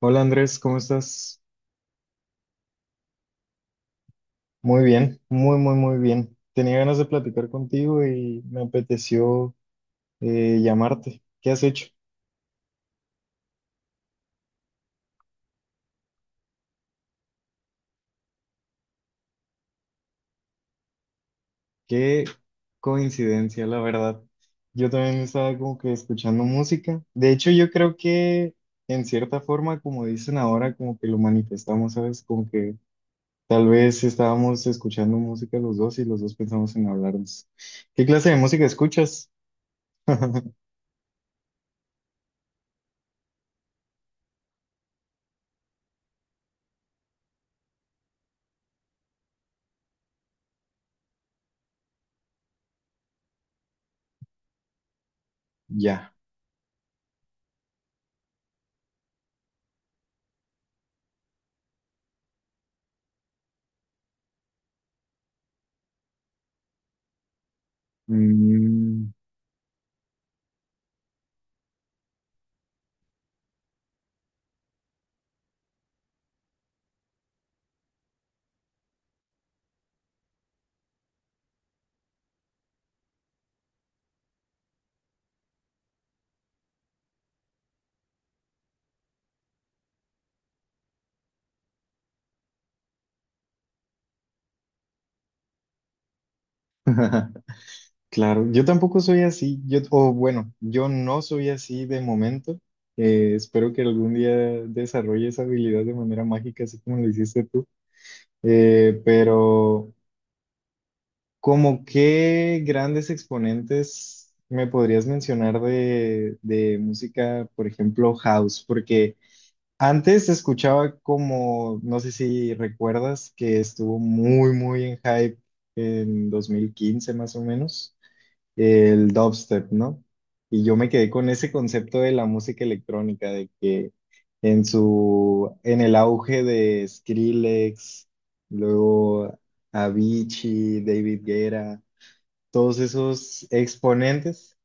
Hola, Andrés, ¿cómo estás? Muy bien, muy, muy, muy bien. Tenía ganas de platicar contigo y me apeteció llamarte. ¿Qué has hecho? Qué coincidencia, la verdad. Yo también estaba como que escuchando música. De hecho, yo creo que en cierta forma, como dicen ahora, como que lo manifestamos, ¿sabes? Como que tal vez estábamos escuchando música los dos y los dos pensamos en hablarnos. ¿Qué clase de música escuchas? Ya. Mm. Claro, yo tampoco soy así, yo, o bueno, yo no soy así de momento. Espero que algún día desarrolle esa habilidad de manera mágica, así como lo hiciste tú. Eh, pero, ¿Como qué grandes exponentes me podrías mencionar de música, por ejemplo, house? Porque antes escuchaba como, no sé si recuerdas, que estuvo muy, muy en hype en 2015 más o menos el dubstep, ¿no? Y yo me quedé con ese concepto de la música electrónica, de que en su, en el auge de Skrillex, luego Avicii, David Guerra, todos esos exponentes.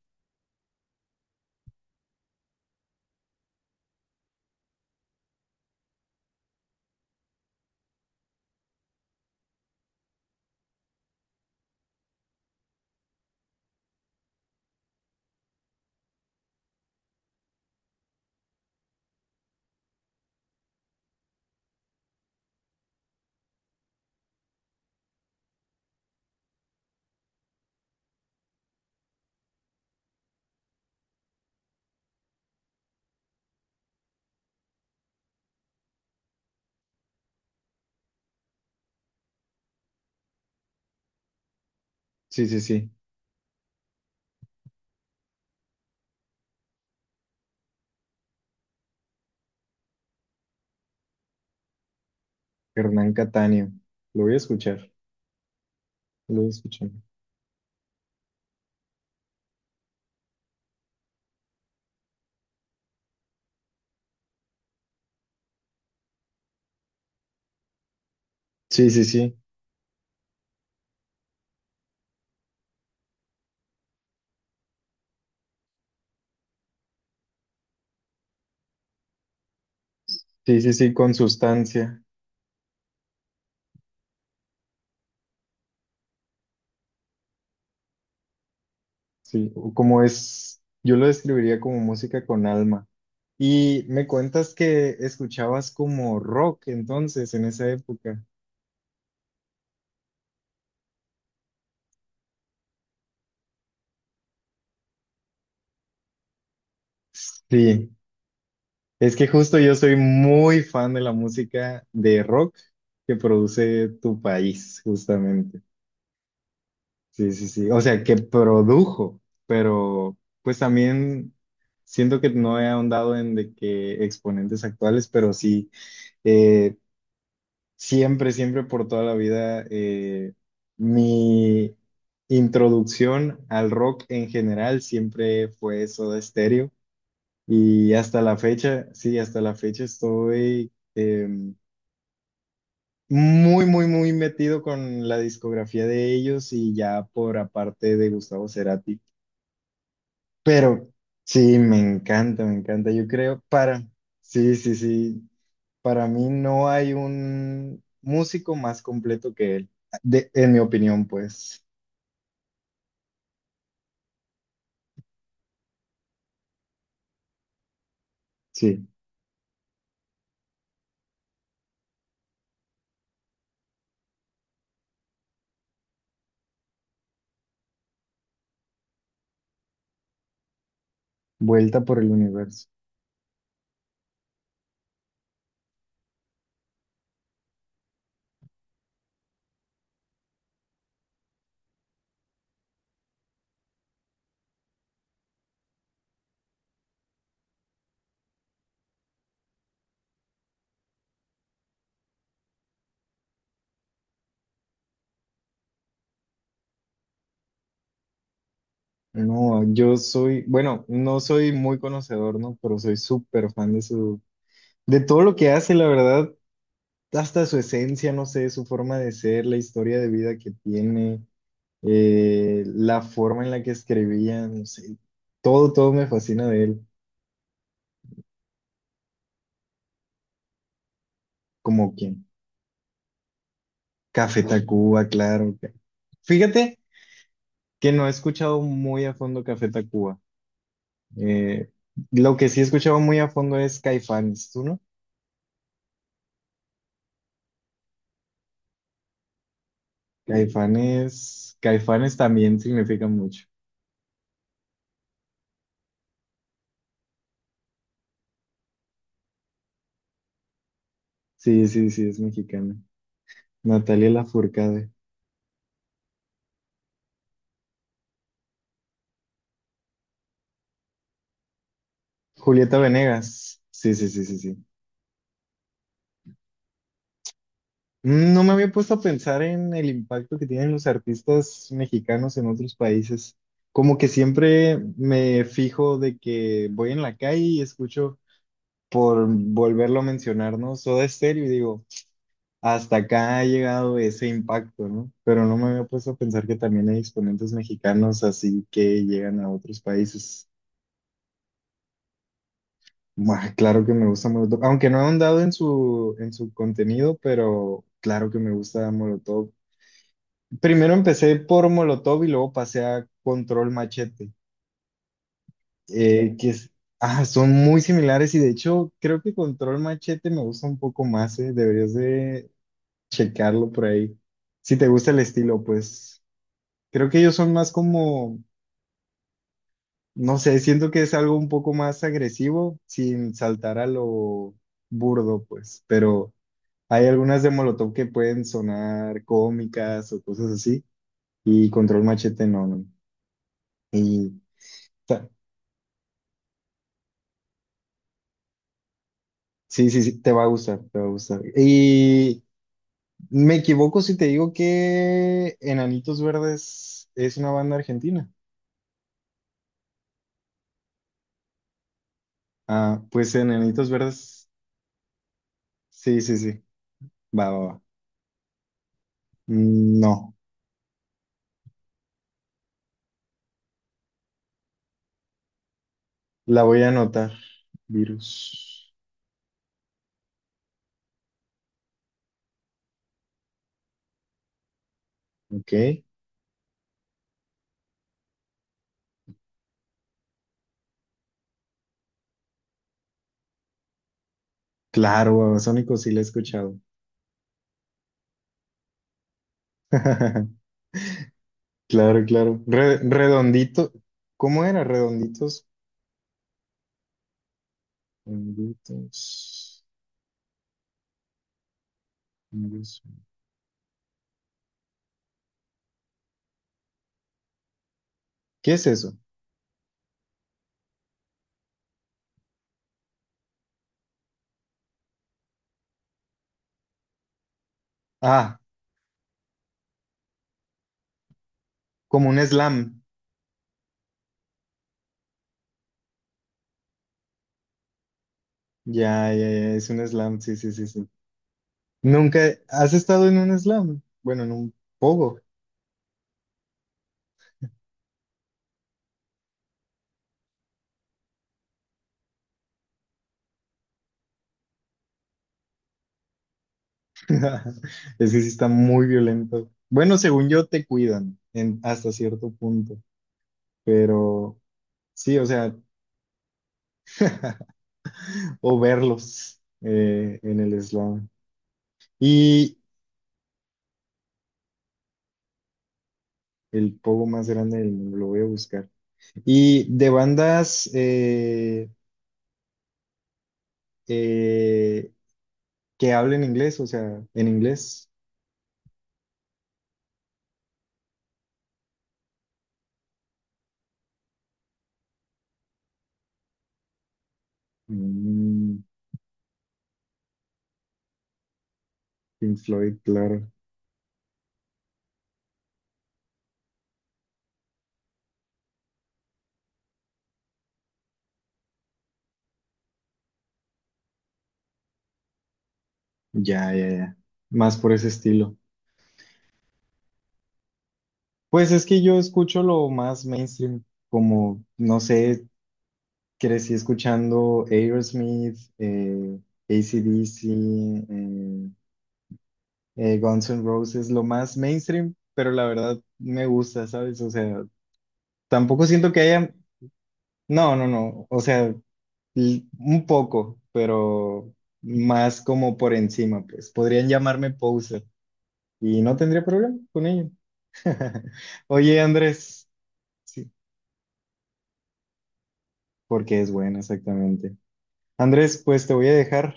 Sí, sí, sí. Hernán Cataño. Lo voy a escuchar, lo voy a escuchar. Sí, sí, sí, sí, sí, sí, con sustancia. Sí, o como es, yo lo describiría como música con alma. Y me cuentas que escuchabas como rock entonces en esa época. Sí, es que justo yo soy muy fan de la música de rock que produce tu país, justamente. Sí, sí, sí. O sea, que produjo, pero pues también siento que no he ahondado en de que exponentes actuales, pero sí. eh, Siempre, siempre por toda la vida, mi introducción al rock en general siempre fue Soda Stereo y hasta la fecha, sí, hasta la fecha estoy muy, muy, muy metido con la discografía de ellos y ya por aparte de Gustavo Cerati. Pero sí, me encanta, yo creo, para, sí, sí, sí. Para mí no hay un músico más completo que él, en mi opinión, pues. Sí, vuelta por el universo. No, yo soy, bueno, no soy muy conocedor, ¿no? Pero soy súper fan de su, de todo lo que hace, la verdad, hasta su esencia, no sé, su forma de ser, la historia de vida que tiene, la forma en la que escribía, no sé, todo, todo me fascina de él, como quien, Café Tacuba, claro. Fíjate que no he escuchado muy a fondo Café Tacuba. Eh, lo que sí he escuchado muy a fondo es Caifanes, ¿tú no? Caifanes, Caifanes también significa mucho. Sí, sí, sí, es mexicana. Natalia Lafourcade. Julieta Venegas. Sí, sí, sí, sí, sí. Mm. No me había puesto a pensar en el impacto que tienen los artistas mexicanos en otros países. Como que siempre me fijo de que voy en la calle y escucho, por volverlo a mencionar, ¿no? Soda Stereo y digo, hasta acá ha llegado ese impacto, ¿no? Pero no me había puesto a pensar que también hay exponentes mexicanos así que llegan a otros países. Buah, claro que me gusta Molotov, aunque no he ahondado en su contenido, pero claro que me gusta Molotov. Primero empecé por Molotov y luego pasé a Control Machete, sí. Ah, son muy similares y de hecho creo que Control Machete me gusta un poco más. Deberías de checarlo por ahí. Si te gusta el estilo, pues... Creo que ellos son más como, no sé, siento que es algo un poco más agresivo sin saltar a lo burdo, pues, pero hay algunas de Molotov que pueden sonar cómicas o cosas así, y Control Machete no, no. Y ta- sí, sí, sí, te va a gustar, te va a gustar. Y me equivoco si te digo que Enanitos Verdes es una banda argentina. Ah, pues Enanitos Verdes, sí, sí, sí, va, va, va. Mm. No. La voy a anotar. Virus. Ok. Claro, Babasónicos sí la he escuchado. Claro, claro. Redondito. ¿Cómo era? Redonditos. Redonditos. Virus. ¿Qué es eso? Ah, como un slam. Ya, ya, ya, es un slam. Sí, sí, sí, sí. Nunca. ¿Has estado en un slam? Bueno, en un pogo. Es que sí está muy violento. Bueno, según yo, te cuidan en, hasta cierto punto. Pero sí, o sea. O verlos en el slam. Y el pogo más grande del mundo, lo voy a buscar. Y de bandas eh, que hablen inglés, o sea, en inglés. Mm. Pink Floyd, claro. Ya, ya, ya. Más por ese estilo. Pues es que yo escucho lo más mainstream, como, no sé, crecí escuchando Aerosmith, AC/DC, eh, Guns N' Roses, lo más mainstream, pero la verdad me gusta, ¿sabes? O sea, tampoco siento que haya, no, no, no, o sea, un poco, pero más como por encima, pues podrían llamarme poser y no tendría problema con ello. Oye, Andrés, sí, porque es buena, exactamente. Andrés, pues te voy a dejar,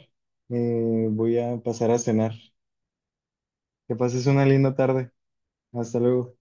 voy a pasar a cenar. Que pases una linda tarde. Hasta luego.